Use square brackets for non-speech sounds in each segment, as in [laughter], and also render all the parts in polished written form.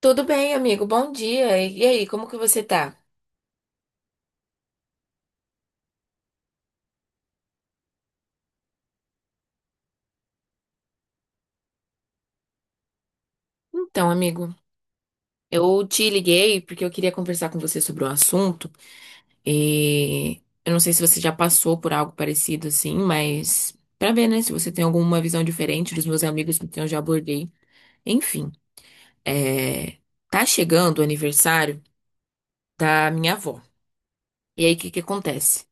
Tudo bem, amigo? Bom dia. E aí, como que você tá? Então, amigo, eu te liguei porque eu queria conversar com você sobre um assunto e eu não sei se você já passou por algo parecido assim, mas pra ver, né, se você tem alguma visão diferente dos meus amigos que eu já abordei. Enfim, é... tá chegando o aniversário da minha avó. E aí, o que que acontece?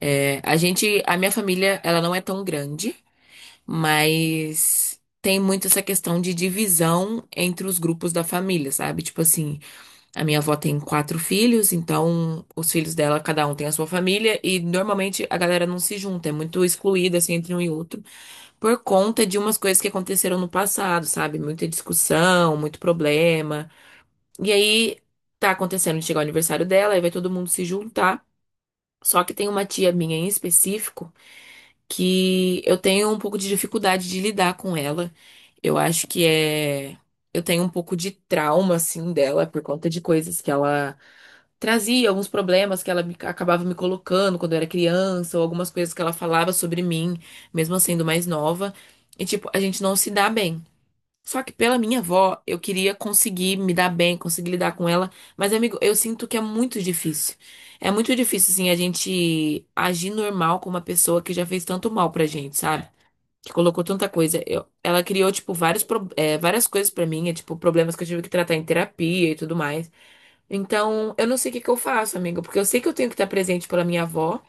É, a gente, a minha família, ela não é tão grande. Mas tem muito essa questão de divisão entre os grupos da família, sabe? Tipo assim, a minha avó tem quatro filhos, então os filhos dela, cada um tem a sua família, e normalmente a galera não se junta, é muito excluída assim entre um e outro, por conta de umas coisas que aconteceram no passado, sabe? Muita discussão, muito problema. E aí tá acontecendo de chegar o aniversário dela, aí vai todo mundo se juntar. Só que tem uma tia minha em específico que eu tenho um pouco de dificuldade de lidar com ela. Eu acho que é. Eu tenho um pouco de trauma, assim, dela por conta de coisas que ela trazia, alguns problemas que acabava me colocando quando eu era criança, ou algumas coisas que ela falava sobre mim, mesmo eu sendo mais nova. E, tipo, a gente não se dá bem. Só que pela minha avó, eu queria conseguir me dar bem, conseguir lidar com ela. Mas, amigo, eu sinto que é muito difícil. É muito difícil, assim, a gente agir normal com uma pessoa que já fez tanto mal pra gente, sabe? Que colocou tanta coisa. Ela criou, tipo, várias coisas pra mim, é, tipo, problemas que eu tive que tratar em terapia e tudo mais. Então, eu não sei o que que eu faço, amigo, porque eu sei que eu tenho que estar presente pela minha avó.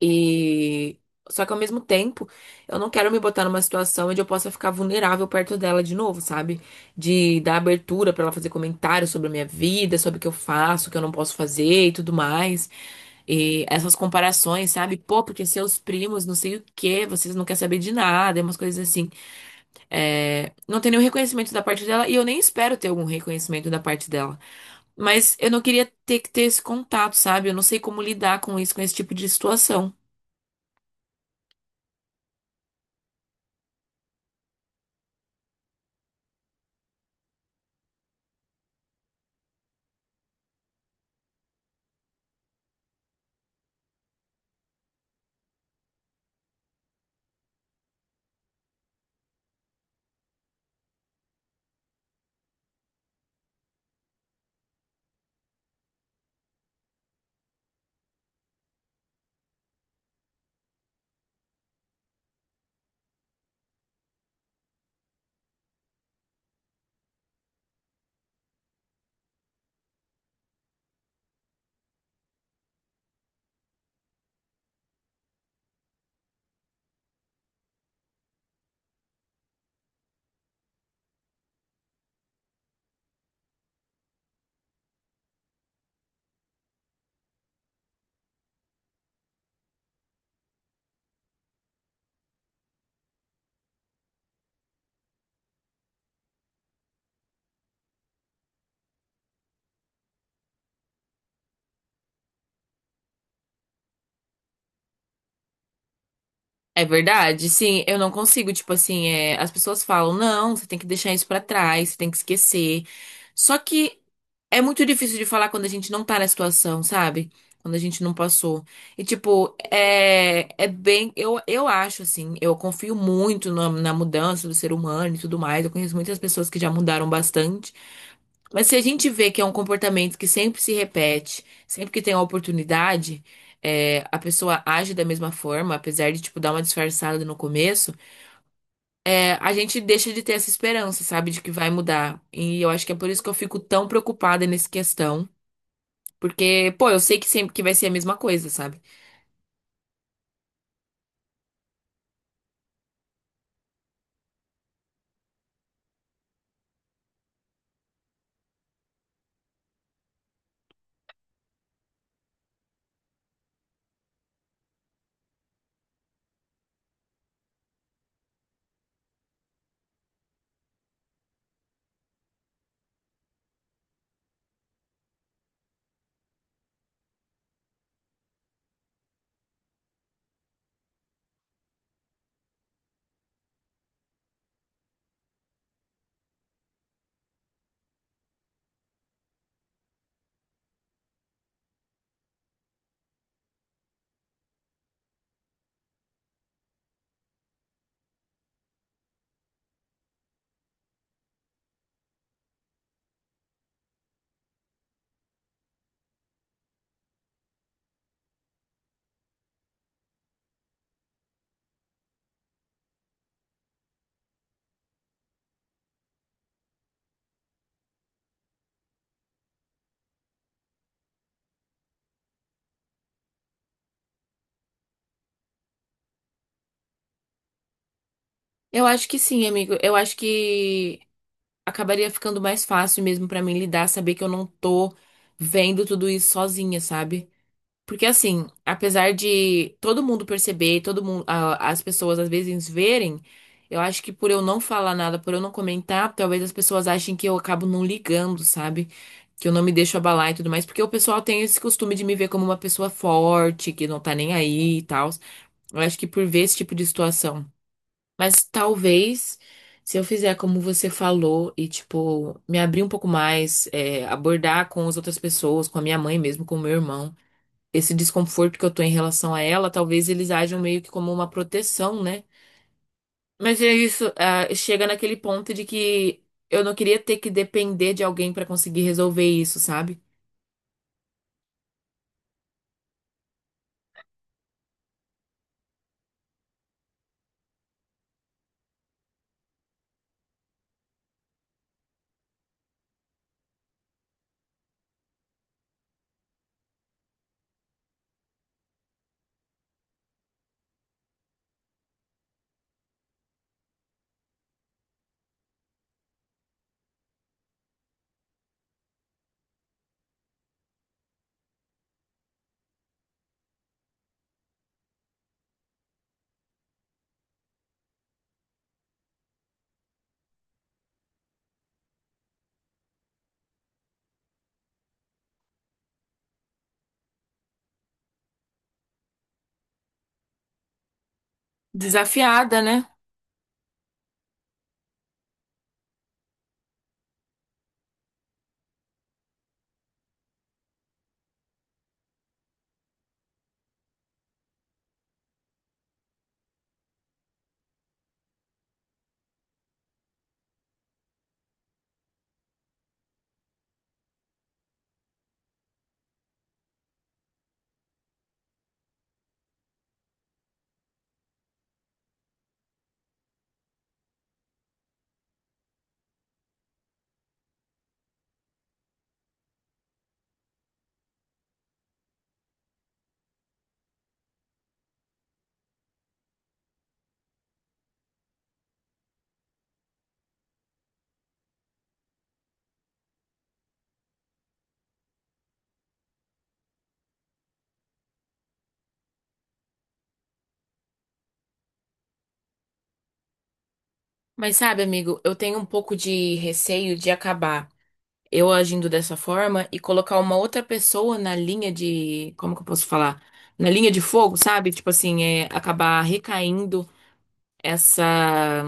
E só que ao mesmo tempo, eu não quero me botar numa situação onde eu possa ficar vulnerável perto dela de novo, sabe? De dar abertura pra ela fazer comentários sobre a minha vida, sobre o que eu faço, o que eu não posso fazer e tudo mais. E essas comparações, sabe? Pô, porque seus primos, não sei o quê, vocês não querem saber de nada, e umas coisas assim. É, não tem nenhum reconhecimento da parte dela e eu nem espero ter algum reconhecimento da parte dela. Mas eu não queria ter que ter esse contato, sabe? Eu não sei como lidar com isso, com esse tipo de situação. É verdade, sim, eu não consigo, tipo assim, é, as pessoas falam, não, você tem que deixar isso pra trás, você tem que esquecer. Só que é muito difícil de falar quando a gente não tá na situação, sabe? Quando a gente não passou. E tipo, é, é bem, eu acho assim, eu confio muito na mudança do ser humano e tudo mais. Eu conheço muitas pessoas que já mudaram bastante. Mas se a gente vê que é um comportamento que sempre se repete, sempre que tem a oportunidade, é, a pessoa age da mesma forma, apesar de, tipo, dar uma disfarçada no começo, é, a gente deixa de ter essa esperança, sabe, de que vai mudar. E eu acho que é por isso que eu fico tão preocupada nessa questão. Porque, pô, eu sei que sempre que vai ser a mesma coisa, sabe? Eu acho que sim, amigo. Eu acho que acabaria ficando mais fácil mesmo pra mim lidar, saber que eu não tô vendo tudo isso sozinha, sabe? Porque assim, apesar de todo mundo perceber, todo mundo, as pessoas às vezes verem, eu acho que por eu não falar nada, por eu não comentar, talvez as pessoas achem que eu acabo não ligando, sabe? Que eu não me deixo abalar e tudo mais, porque o pessoal tem esse costume de me ver como uma pessoa forte, que não tá nem aí e tal. Eu acho que por ver esse tipo de situação. Mas talvez, se eu fizer como você falou e, tipo, me abrir um pouco mais, é, abordar com as outras pessoas, com a minha mãe mesmo, com o meu irmão esse desconforto que eu tô em relação a ela, talvez eles ajam meio que como uma proteção, né? Mas é isso, ah, chega naquele ponto de que eu não queria ter que depender de alguém pra conseguir resolver isso, sabe? Desafiada, né? Mas sabe, amigo, eu tenho um pouco de receio de acabar eu agindo dessa forma e colocar uma outra pessoa na linha de, como que eu posso falar? Na linha de fogo, sabe? Tipo assim, é acabar recaindo essa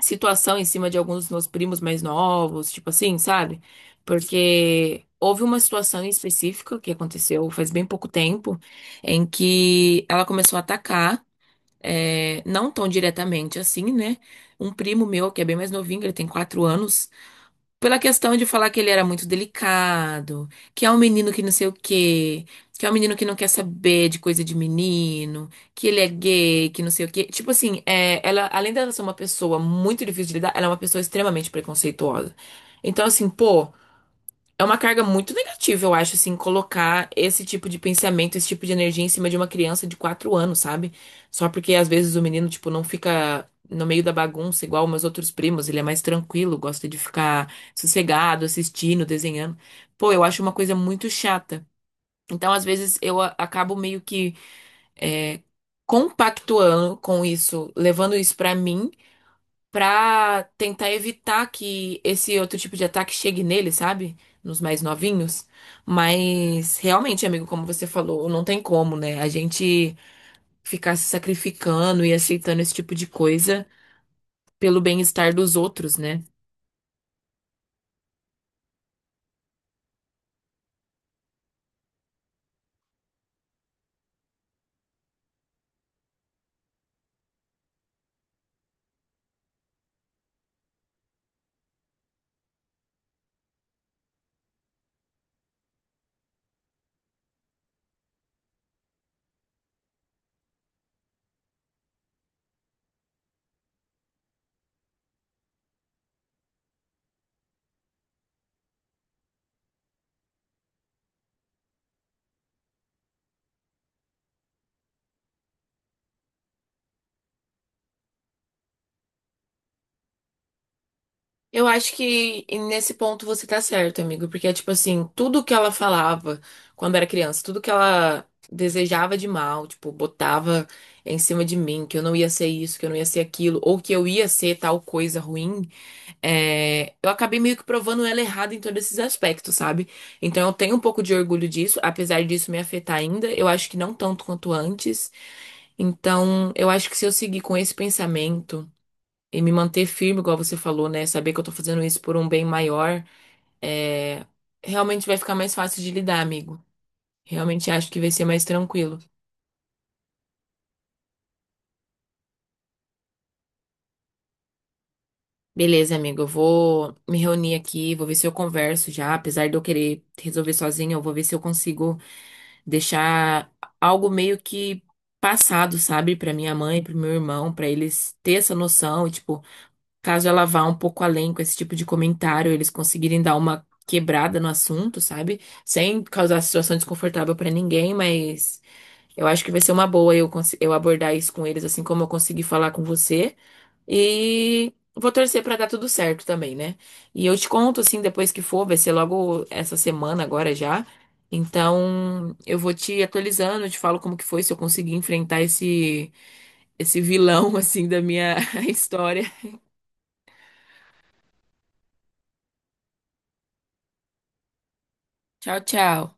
situação em cima de alguns dos meus primos mais novos, tipo assim, sabe? Porque houve uma situação em específica que aconteceu faz bem pouco tempo, em que ela começou a atacar, é, não tão diretamente assim, né? Um primo meu, que é bem mais novinho, ele tem quatro anos. Pela questão de falar que ele era muito delicado, que é um menino que não sei o quê, que é um menino que não quer saber de coisa de menino, que ele é gay, que não sei o quê. Tipo assim, é, ela, além dela ser uma pessoa muito difícil de lidar, ela é uma pessoa extremamente preconceituosa. Então, assim, pô. É uma carga muito negativa, eu acho, assim, colocar esse tipo de pensamento, esse tipo de energia em cima de uma criança de quatro anos, sabe? Só porque às vezes o menino, tipo, não fica no meio da bagunça igual meus outros primos, ele é mais tranquilo, gosta de ficar sossegado, assistindo, desenhando. Pô, eu acho uma coisa muito chata. Então, às vezes, acabo meio que é, compactuando com isso, levando isso pra mim pra tentar evitar que esse outro tipo de ataque chegue nele, sabe? Nos mais novinhos. Mas realmente, amigo, como você falou, não tem como, né? A gente ficar se sacrificando e aceitando esse tipo de coisa pelo bem-estar dos outros, né? Eu acho que nesse ponto você tá certo, amigo, porque é tipo assim, tudo que ela falava quando era criança, tudo que ela desejava de mal, tipo, botava em cima de mim, que eu não ia ser isso, que eu não ia ser aquilo, ou que eu ia ser tal coisa ruim, é, eu acabei meio que provando ela errada em todos esses aspectos, sabe? Então eu tenho um pouco de orgulho disso, apesar disso me afetar ainda, eu acho que não tanto quanto antes. Então eu acho que se eu seguir com esse pensamento e me manter firme, igual você falou, né? Saber que eu tô fazendo isso por um bem maior, é, realmente vai ficar mais fácil de lidar, amigo. Realmente acho que vai ser mais tranquilo. Beleza, amigo, eu vou me reunir aqui, vou ver se eu converso já, apesar de eu querer resolver sozinha, eu vou ver se eu consigo deixar algo meio que passado, sabe, pra minha mãe, pro meu irmão, pra eles ter essa noção e tipo, caso ela vá um pouco além com esse tipo de comentário, eles conseguirem dar uma quebrada no assunto, sabe? Sem causar situação desconfortável pra ninguém, mas eu acho que vai ser uma boa eu abordar isso com eles assim como eu consegui falar com você. E vou torcer pra dar tudo certo também, né? E eu te conto, assim, depois que for, vai ser logo essa semana agora já. Então, eu vou te atualizando, eu te falo como que foi, se eu conseguir enfrentar esse, esse vilão, [laughs] assim, da minha [laughs] história. Tchau, tchau.